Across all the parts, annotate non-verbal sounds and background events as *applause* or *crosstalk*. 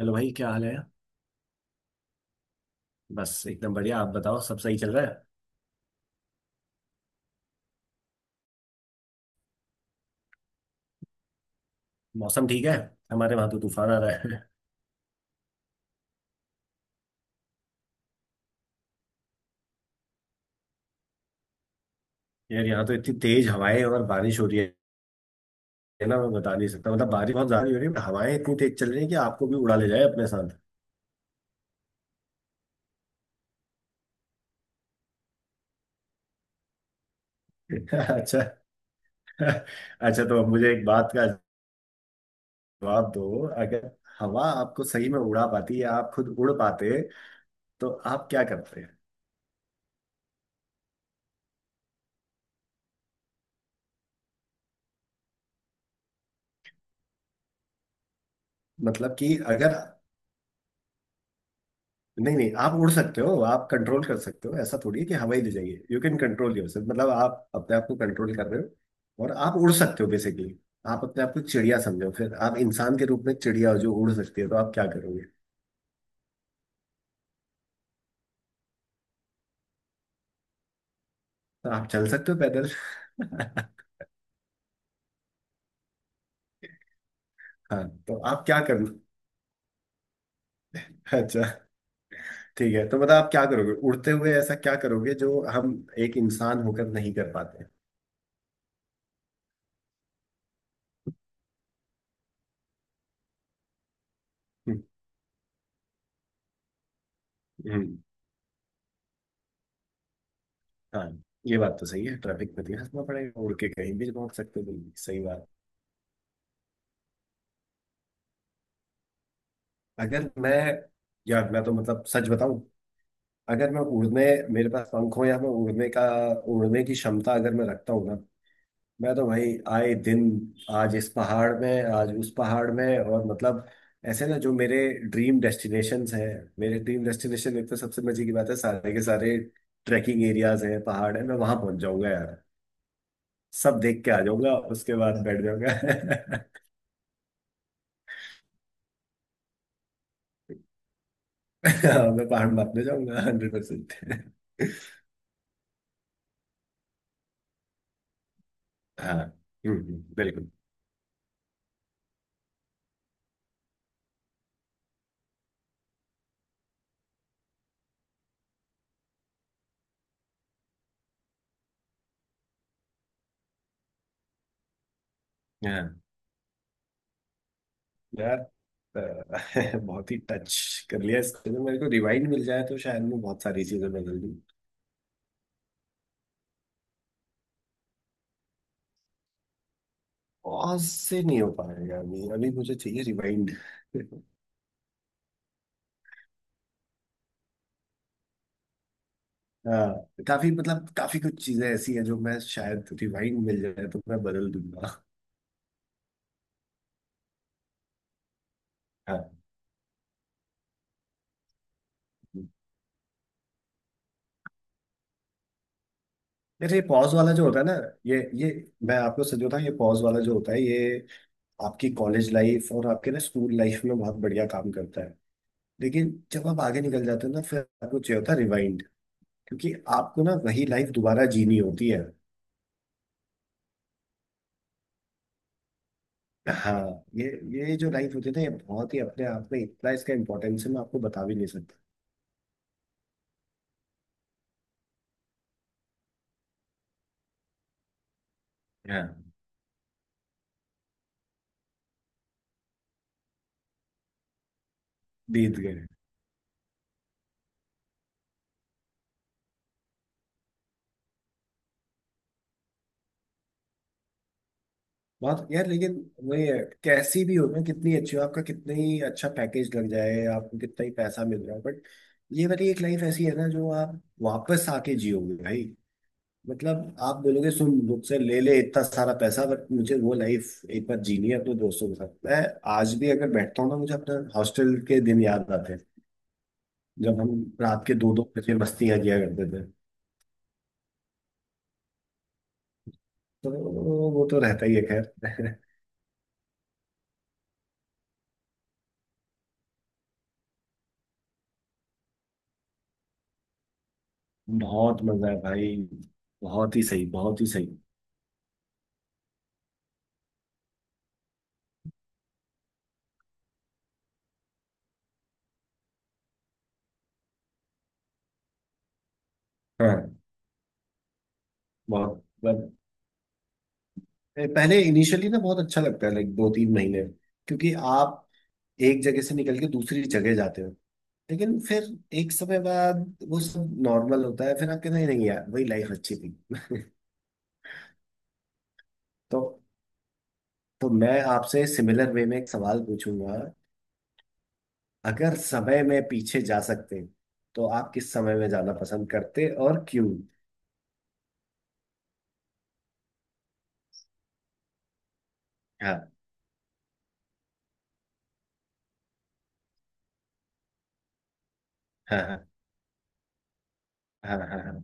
Hello भाई, क्या हाल है। बस एकदम बढ़िया। आप बताओ, सब सही चल रहा है? मौसम ठीक है? हमारे वहां तो तूफान आ रहा है। *laughs* यार यहाँ तो इतनी तेज हवाएं और बारिश हो रही है ना, मैं बता नहीं सकता। मतलब बारिश बहुत ज्यादा हो रही है but हवाएं इतनी तेज चल रही है कि आपको भी उड़ा ले जाए अपने साथ। *laughs* अच्छा। अच्छा तो अब मुझे एक बात का जवाब दो। अगर हवा आपको सही में उड़ा पाती या आप खुद उड़ पाते तो आप क्या करते हैं? मतलब कि अगर, नहीं नहीं, आप उड़ सकते हो, आप कंट्रोल कर सकते हो। ऐसा थोड़ी है कि हवा ही ले जाइए। यू कैन कंट्रोल योर, मतलब आप अपने आप को कंट्रोल कर रहे हो और आप उड़ सकते हो बेसिकली। आप अपने आप को चिड़िया समझो, फिर आप इंसान के रूप में चिड़िया हो जो उड़ सकती है, तो आप क्या करोगे? तो आप चल सकते हो पैदल। *laughs* हाँ तो आप क्या करोगे? *laughs* अच्छा, ठीक है। तो मतलब आप क्या करोगे उड़ते हुए, ऐसा क्या करोगे जो हम एक इंसान होकर नहीं कर पाते? हम्म, हम्म, हाँ, ये बात तो सही है। ट्रैफिक में तो नहीं फंसना पड़ेगा, उड़ के कहीं भी पहुंच सकते हो। बिल्कुल सही बात। अगर मैं, यार मैं तो, मतलब सच बताऊं, अगर मैं उड़ने, मेरे पास पंख हो या मैं उड़ने का, उड़ने की क्षमता अगर मैं रखता हूँ ना, मैं तो भाई आए दिन आज इस पहाड़ में, आज उस पहाड़ में, और मतलब ऐसे ना, जो मेरे ड्रीम डेस्टिनेशंस हैं, मेरे ड्रीम डेस्टिनेशन, एक तो सबसे मजे की बात है, सारे के सारे ट्रैकिंग एरियाज हैं, पहाड़ है, मैं वहां पहुंच जाऊंगा यार। सब देख के आ जाऊंगा, उसके बाद बैठ जाऊंगा। *laughs* मैं पहाड़ में अपने जाऊंगा 100%। हाँ। बिल्कुल। हाँ, यार, *laughs* बहुत ही टच कर लिया इसको। तो मेरे को रिवाइंड मिल जाए तो शायद मैं बहुत सारी चीजें बदल दूँ। पॉज से नहीं हो पाएगा, अभी अभी मुझे चाहिए रिवाइंड। *laughs* हाँ, काफी, मतलब काफी कुछ चीजें ऐसी है जो, मैं शायद रिवाइंड मिल जाए तो मैं बदल दूंगा। हाँ, यार, ये पॉज वाला जो होता है ना, ये मैं आपको सच बताऊं, ये पॉज वाला जो होता है, ये आपकी कॉलेज लाइफ और आपके ना स्कूल लाइफ में बहुत बढ़िया काम करता है। लेकिन जब आप आगे निकल जाते हो ना, फिर आपको चाहिए होता है, क्योंकि आपको ना वही लाइफ दोबारा जीनी होती है। हाँ। ये जो लाइफ होती है ना, ये बहुत ही अपने आप में, इतना इसका इम्पोर्टेंस है, मैं आपको बता भी नहीं सकता। हाँ। बीत गए। बहुत यार, लेकिन वही है। कैसी भी हो ना, कितनी अच्छी हो, आपका कितनी ही अच्छा पैकेज लग जाए, आपको कितना ही पैसा मिल रहा है, बट ये वाली एक लाइफ ऐसी है ना, जो आप वापस आके जियोगे भाई। मतलब आप बोलोगे, सुन मुझसे ले ले इतना सारा पैसा, बट मुझे वो लाइफ एक बार जीनी है अपने दोस्तों के साथ। मैं आज भी अगर बैठता हूँ ना, मुझे अपने हॉस्टल के दिन याद आते हैं, जब हम रात के 2-2 बजे मस्तियां किया करते थे। तो वो तो रहता ही है खैर। *laughs* बहुत मजा है भाई। बहुत ही सही, बहुत ही सही। हाँ, बहुत, मतलब पहले, इनिशियली ना बहुत अच्छा लगता है, लाइक 2-3 महीने, क्योंकि आप एक जगह से निकल के दूसरी जगह जाते हो। लेकिन फिर एक समय बाद वो सब नॉर्मल होता है, फिर आप कहते हैं, नहीं यार, वही लाइफ अच्छी थी। *laughs* तो तो मैं आपसे सिमिलर वे में एक सवाल पूछूंगा। अगर समय में पीछे जा सकते तो आप किस समय में जाना पसंद करते और क्यों? हाँ हाँ, हाँ हाँ हाँ, हाँ,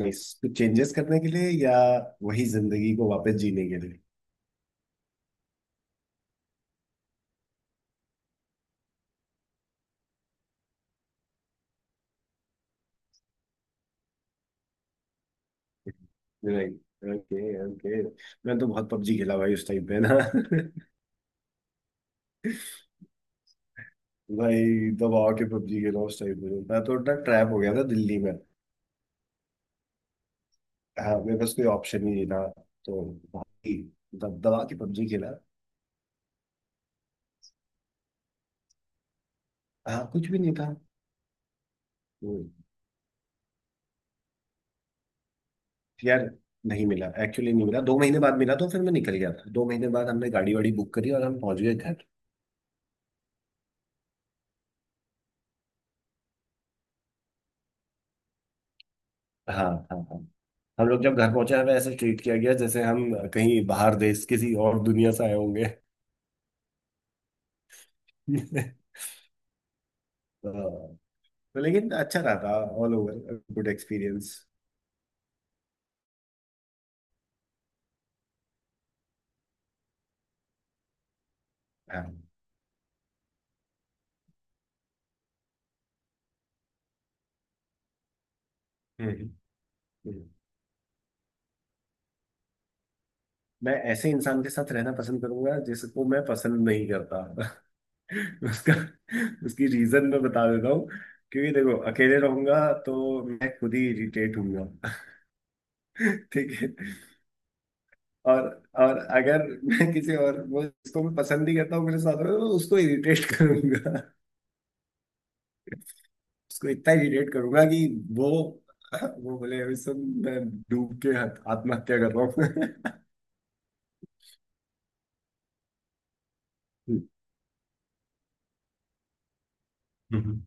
नहीं, कुछ चेंजेस करने के लिए या वही जिंदगी को वापस जीने के लिए? *laughs* नहीं, ओके ओके। मैं तो बहुत पबजी खेला भाई उस टाइम पे ना। *laughs* भाई दबा के पबजी खेला उस टाइम पे। मैं तो इतना ट्रैप हो गया था दिल्ली में। हाँ, मेरे पास कोई ऑप्शन ही नहीं था। तो भाई दब दबा के पबजी खेला। हाँ कुछ भी नहीं था। वो, यार नहीं मिला, एक्चुअली नहीं मिला। 2 महीने बाद मिला, तो फिर मैं निकल गया था। 2 महीने बाद हमने गाड़ी वाड़ी बुक करी और हम पहुंच गए घर। हाँ, हाँ हाँ। हम लोग जब घर पहुंचे, हमें ऐसे ट्रीट किया गया जैसे हम कहीं बाहर देश, किसी और दुनिया से आए होंगे। *laughs* हाँ, तो लेकिन अच्छा रहा था, ऑल ओवर गुड एक्सपीरियंस। हाँ। हम्म, हम्म। मैं ऐसे इंसान के साथ रहना पसंद करूंगा जिसको मैं पसंद नहीं करता। *laughs* उसका, उसकी रीजन मैं बता देता हूँ। क्योंकि देखो, अकेले रहूंगा तो मैं खुद ही इरिटेट होऊंगा। *laughs* ठीक है। और और अगर मैं किसी और, वो जिसको मैं पसंद नहीं करता हूँ, मेरे साथ रहे तो उसको इरिटेट *laughs* करूंगा। उसको इतना इरिटेट करूंगा कि वो वो बोले, "अभी सुन, मैं डूब के आत्महत्या कर रहा हूँ।" *laughs* हम्म,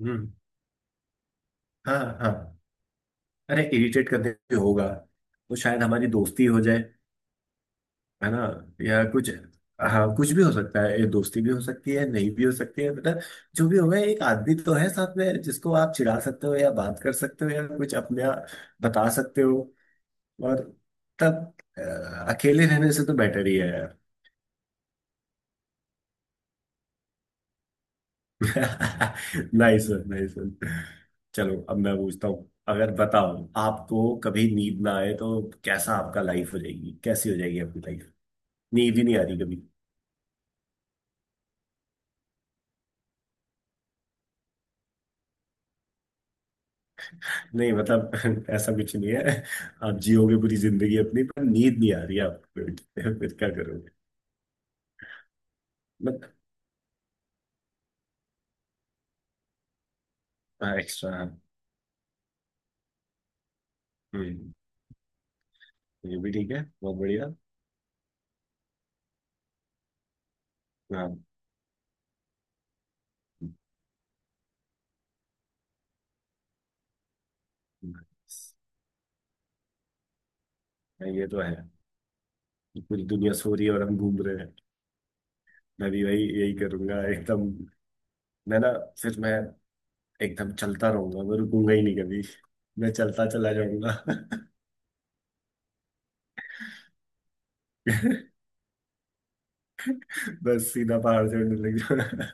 हम्म। हाँ हाँ। अरे इरिटेट करने से होगा, वो शायद हमारी दोस्ती हो जाए, है ना, या कुछ। हाँ कुछ भी हो सकता है, ये दोस्ती भी हो सकती है, नहीं भी हो सकती है, मतलब जो भी होगा, एक आदमी तो है साथ में जिसको आप चिढ़ा सकते हो, या बात कर सकते हो, या कुछ अपने आप बता सकते हो। और तब, अकेले रहने से तो बेटर ही है यार। *laughs* Nice nice. चलो अब मैं पूछता हूँ, अगर बताओ आपको कभी नींद ना आए तो कैसा आपका लाइफ हो जाएगी, कैसी हो जाएगी आपकी? नींद ही नहीं आ रही कभी। नहीं, मतलब *laughs* ऐसा कुछ नहीं है, आप जियोगे पूरी जिंदगी अपनी, पर नींद नहीं आ रही है आपको। *laughs* फिर क्या करोगे? बट, हाँ एक्स्ट्रा, हाँ। हम्म। ये भी ठीक है, बहुत बढ़िया। हाँ। हाँ, ये तो है। पूरी दुनिया सो रही है और हम घूम रहे हैं। मैं भी वही, यही करूंगा एकदम। मैं ना, फिर मैं एकदम चलता रहूंगा, मैं रुकूंगा ही नहीं कभी। मैं चलता चला जाऊंगा। *laughs* बस सीधा पहाड़ चढ़ने लग जाऊंगा।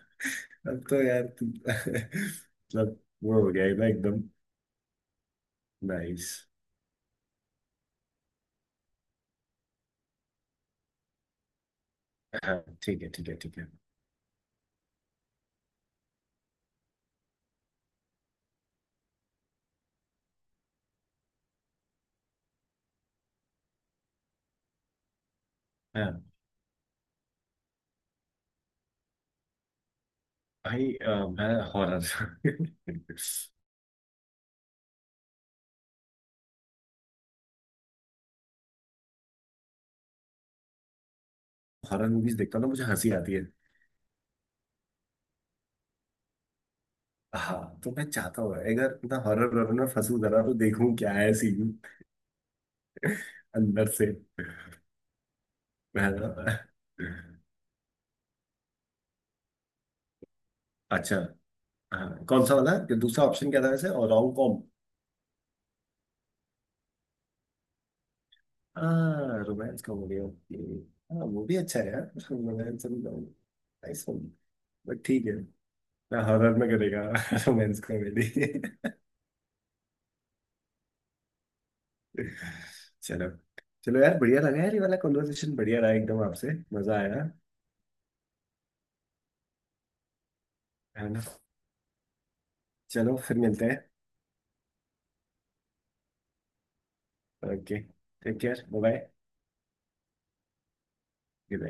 अब तो यार तुम- *laughs* मतलब वो हो गया ना एकदम। नाइस। हाँ ठीक है, ठीक है, ठीक है। हाँ भाई, मैं हॉरर। हॉरर मूवीज *laughs* देखता हूँ ना, मुझे हंसी आती है। हाँ तो मैं चाहता हूँ अगर मैं हॉरर, हॉरर में फंसू जरा तो देखूं क्या है सीन अंदर से। है ना? अच्छा। हाँ, कौन सा वाला, ये दूसरा ऑप्शन क्या था वैसे, और रोम कॉम? हाँ, रोमांस कॉमेडी, ओके। हाँ वो भी अच्छा है यार, romance comedy, nice one. But ठीक है ना, हॉरर में करेगा *laughs* रोमांस कॉमेडी। चलो, चलो यार, बढ़िया लगा यार, ये वाला कॉन्वर्सेशन बढ़िया रहा एकदम, आपसे मजा आया। है ना। चलो फिर मिलते हैं। Okay, take care, bye bye.